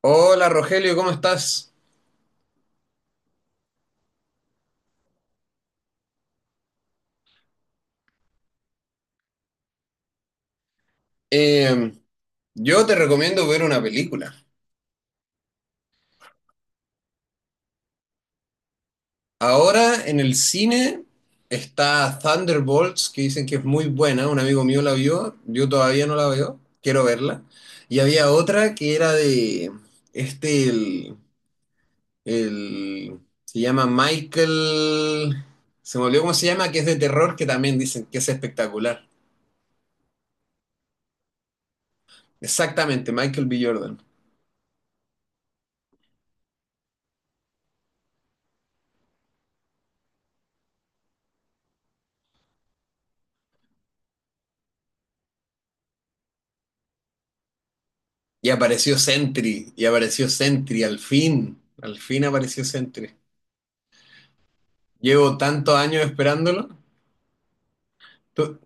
Hola Rogelio, ¿cómo estás? Eh, yo te recomiendo ver una película. Ahora en el cine está Thunderbolts, que dicen que es muy buena. Un amigo mío la vio, yo todavía no la veo, quiero verla. Y había otra que era de este, se llama Michael, se me olvidó cómo se llama, que es de terror, que también dicen que es espectacular. Exactamente, Michael B. Jordan. Y apareció Sentry, al fin apareció Sentry. Llevo tantos años esperándolo. ¿Tú,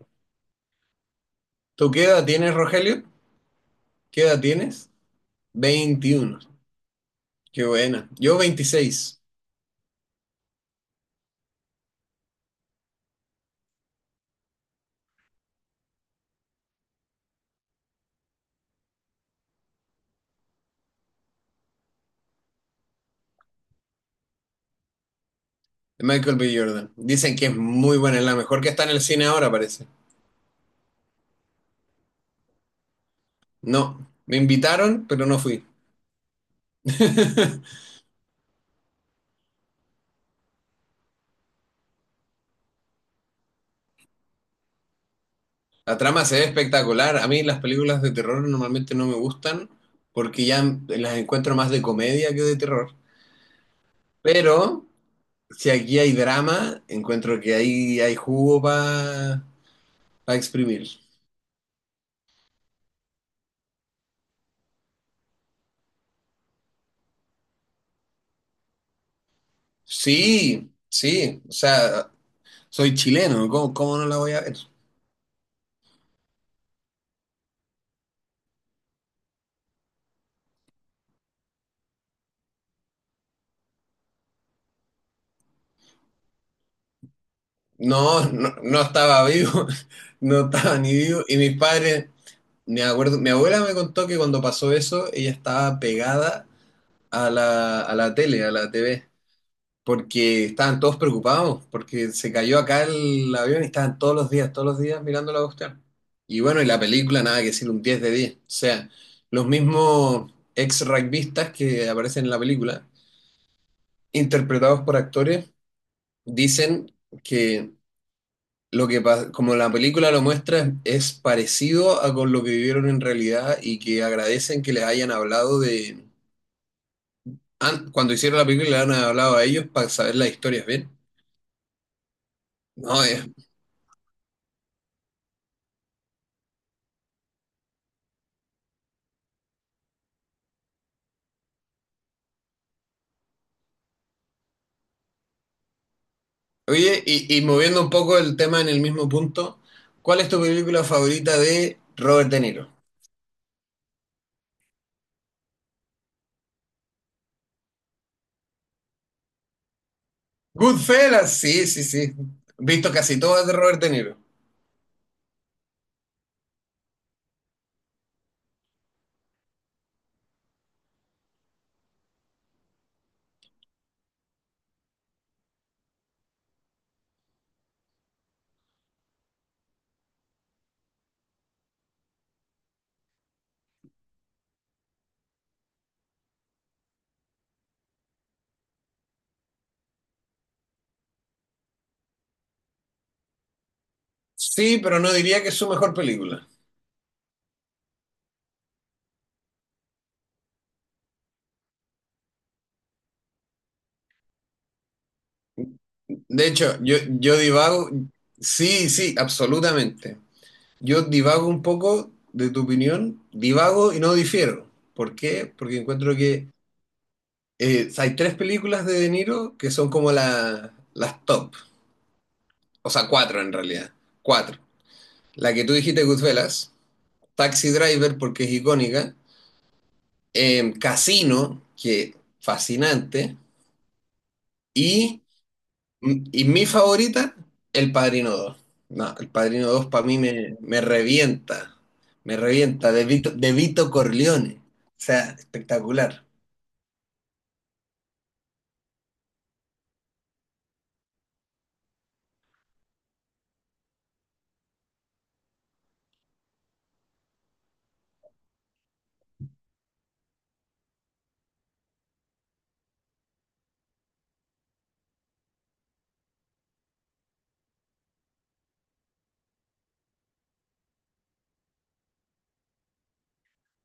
tú qué edad tienes, Rogelio? ¿Qué edad tienes? 21. Qué buena. Yo 26. De Michael B. Jordan. Dicen que es muy buena, es la mejor que está en el cine ahora, parece. No, me invitaron, pero no fui. La trama se ve espectacular. A mí las películas de terror normalmente no me gustan porque ya las encuentro más de comedia que de terror. Pero si aquí hay drama, encuentro que ahí hay jugo para exprimir. Sí, sí, o sea, soy chileno, ¿cómo, cómo no la voy a ver? No, no, no estaba vivo, no estaba ni vivo. Y mis padres, me acuerdo, mi abuela me contó que cuando pasó eso, ella estaba pegada a la tele, a la TV. Porque estaban todos preocupados, porque se cayó acá el avión y estaban todos los días mirando la cuestión. Y bueno, y la película, nada que decir, un 10 de 10. O sea, los mismos ex rugbistas que aparecen en la película, interpretados por actores, dicen que como la película lo muestra, es parecido a con lo que vivieron en realidad y que agradecen que les hayan hablado de. Cuando hicieron la película, le han hablado a ellos para saber las historias bien. No, es. Oye, y moviendo un poco el tema en el mismo punto, ¿cuál es tu película favorita de Robert De Niro? Goodfellas, sí, sí, sí. Visto casi todas de Robert De Niro. Sí, pero no diría que es su mejor película. De hecho, yo divago, sí, sí, absolutamente. Yo divago un poco de tu opinión, divago y no difiero. ¿Por qué? Porque encuentro que hay tres películas de De Niro que son como las top, o sea, cuatro en realidad, cuatro. La que tú dijiste, Goodfellas, Taxi Driver, porque es icónica, Casino, que fascinante, y, y mi favorita, El Padrino dos. No, El Padrino dos para mí me, me revienta, de Vito Corleone, o sea, espectacular.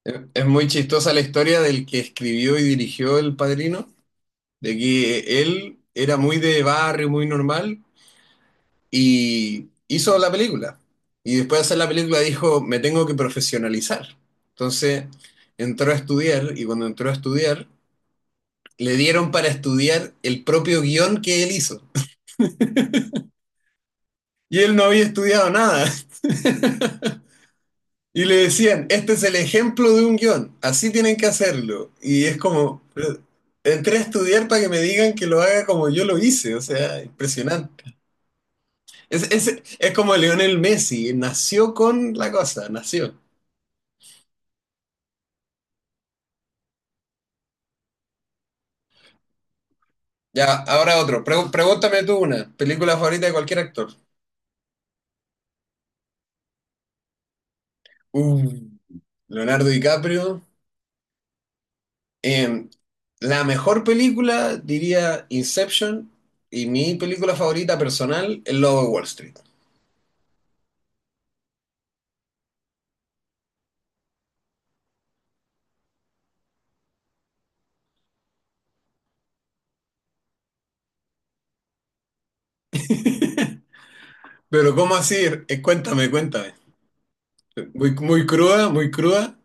Es muy chistosa la historia del que escribió y dirigió El Padrino, de que él era muy de barrio, muy normal, y hizo la película. Y después de hacer la película dijo, me tengo que profesionalizar. Entonces entró a estudiar y cuando entró a estudiar, le dieron para estudiar el propio guión que él hizo. Y él no había estudiado nada. Y le decían, este es el ejemplo de un guión, así tienen que hacerlo. Y es como, pero entré a estudiar para que me digan que lo haga como yo lo hice. O sea, impresionante. Es como Lionel Messi, nació con la cosa, nació. Ya, ahora otro. Pregúntame tú una. Película favorita de cualquier actor. Uh, Leonardo DiCaprio. Em, la mejor película, diría Inception. Y mi película favorita personal, El Lobo de Wall Street. Pero ¿cómo así? Cuéntame, cuéntame. Muy, muy cruda, muy cruda.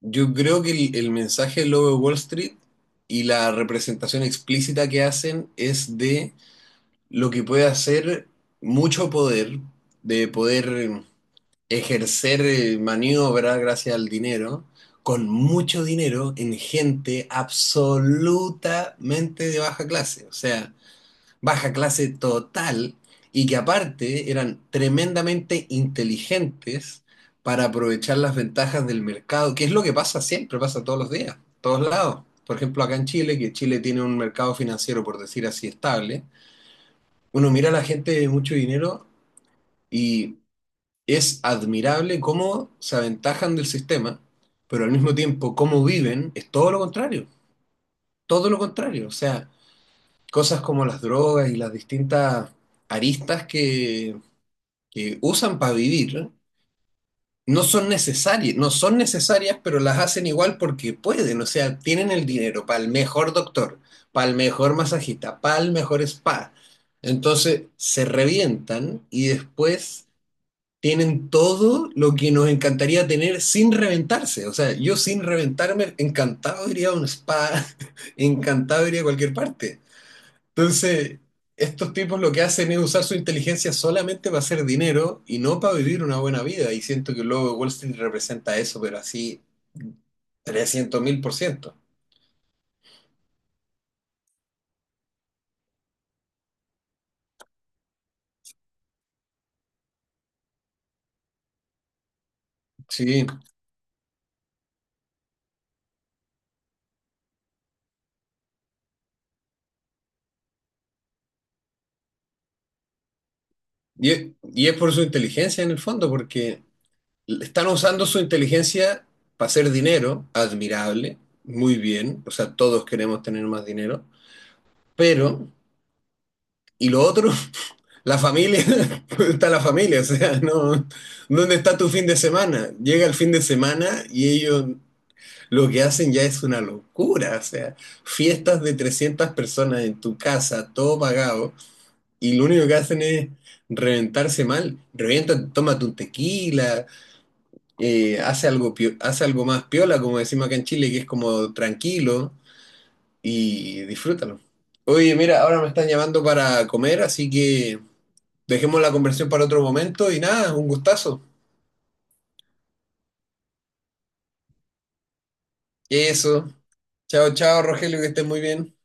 Yo creo que el mensaje del Lobo de Wall Street y la representación explícita que hacen es de lo que puede hacer mucho poder, de poder ejercer maniobra gracias al dinero, con mucho dinero, en gente absolutamente de baja clase, o sea, baja clase total, y que aparte eran tremendamente inteligentes para aprovechar las ventajas del mercado, que es lo que pasa siempre, pasa todos los días, todos lados. Por ejemplo, acá en Chile, que Chile tiene un mercado financiero, por decir así, estable, uno mira a la gente de mucho dinero y es admirable cómo se aventajan del sistema, pero al mismo tiempo cómo viven es todo lo contrario, todo lo contrario. O sea, cosas como las drogas y las distintas aristas que usan para vivir no son necesarias, no son necesarias, pero las hacen igual porque pueden. O sea, tienen el dinero para el mejor doctor, para el mejor masajista, para el mejor spa. Entonces se revientan y después tienen todo lo que nos encantaría tener sin reventarse. O sea, yo sin reventarme, encantado iría a un spa, encantado iría a cualquier parte. Entonces, estos tipos lo que hacen es usar su inteligencia solamente para hacer dinero y no para vivir una buena vida. Y siento que luego Wall Street representa eso, pero así 300 mil por ciento. Sí. Y es por su inteligencia en el fondo, porque están usando su inteligencia para hacer dinero, admirable, muy bien, o sea, todos queremos tener más dinero, pero, y lo otro, la familia, ¿dónde está la familia? O sea, no, ¿dónde está tu fin de semana? Llega el fin de semana y ellos lo que hacen ya es una locura, o sea, fiestas de 300 personas en tu casa, todo pagado, y lo único que hacen es reventarse mal, revientan, tómate un tequila, hace algo, hace algo más piola, como decimos acá en Chile, que es como tranquilo y disfrútalo. Oye, mira, ahora me están llamando para comer, así que dejemos la conversación para otro momento y nada, un gustazo. Eso. Chao, chao, Rogelio, que estés muy bien.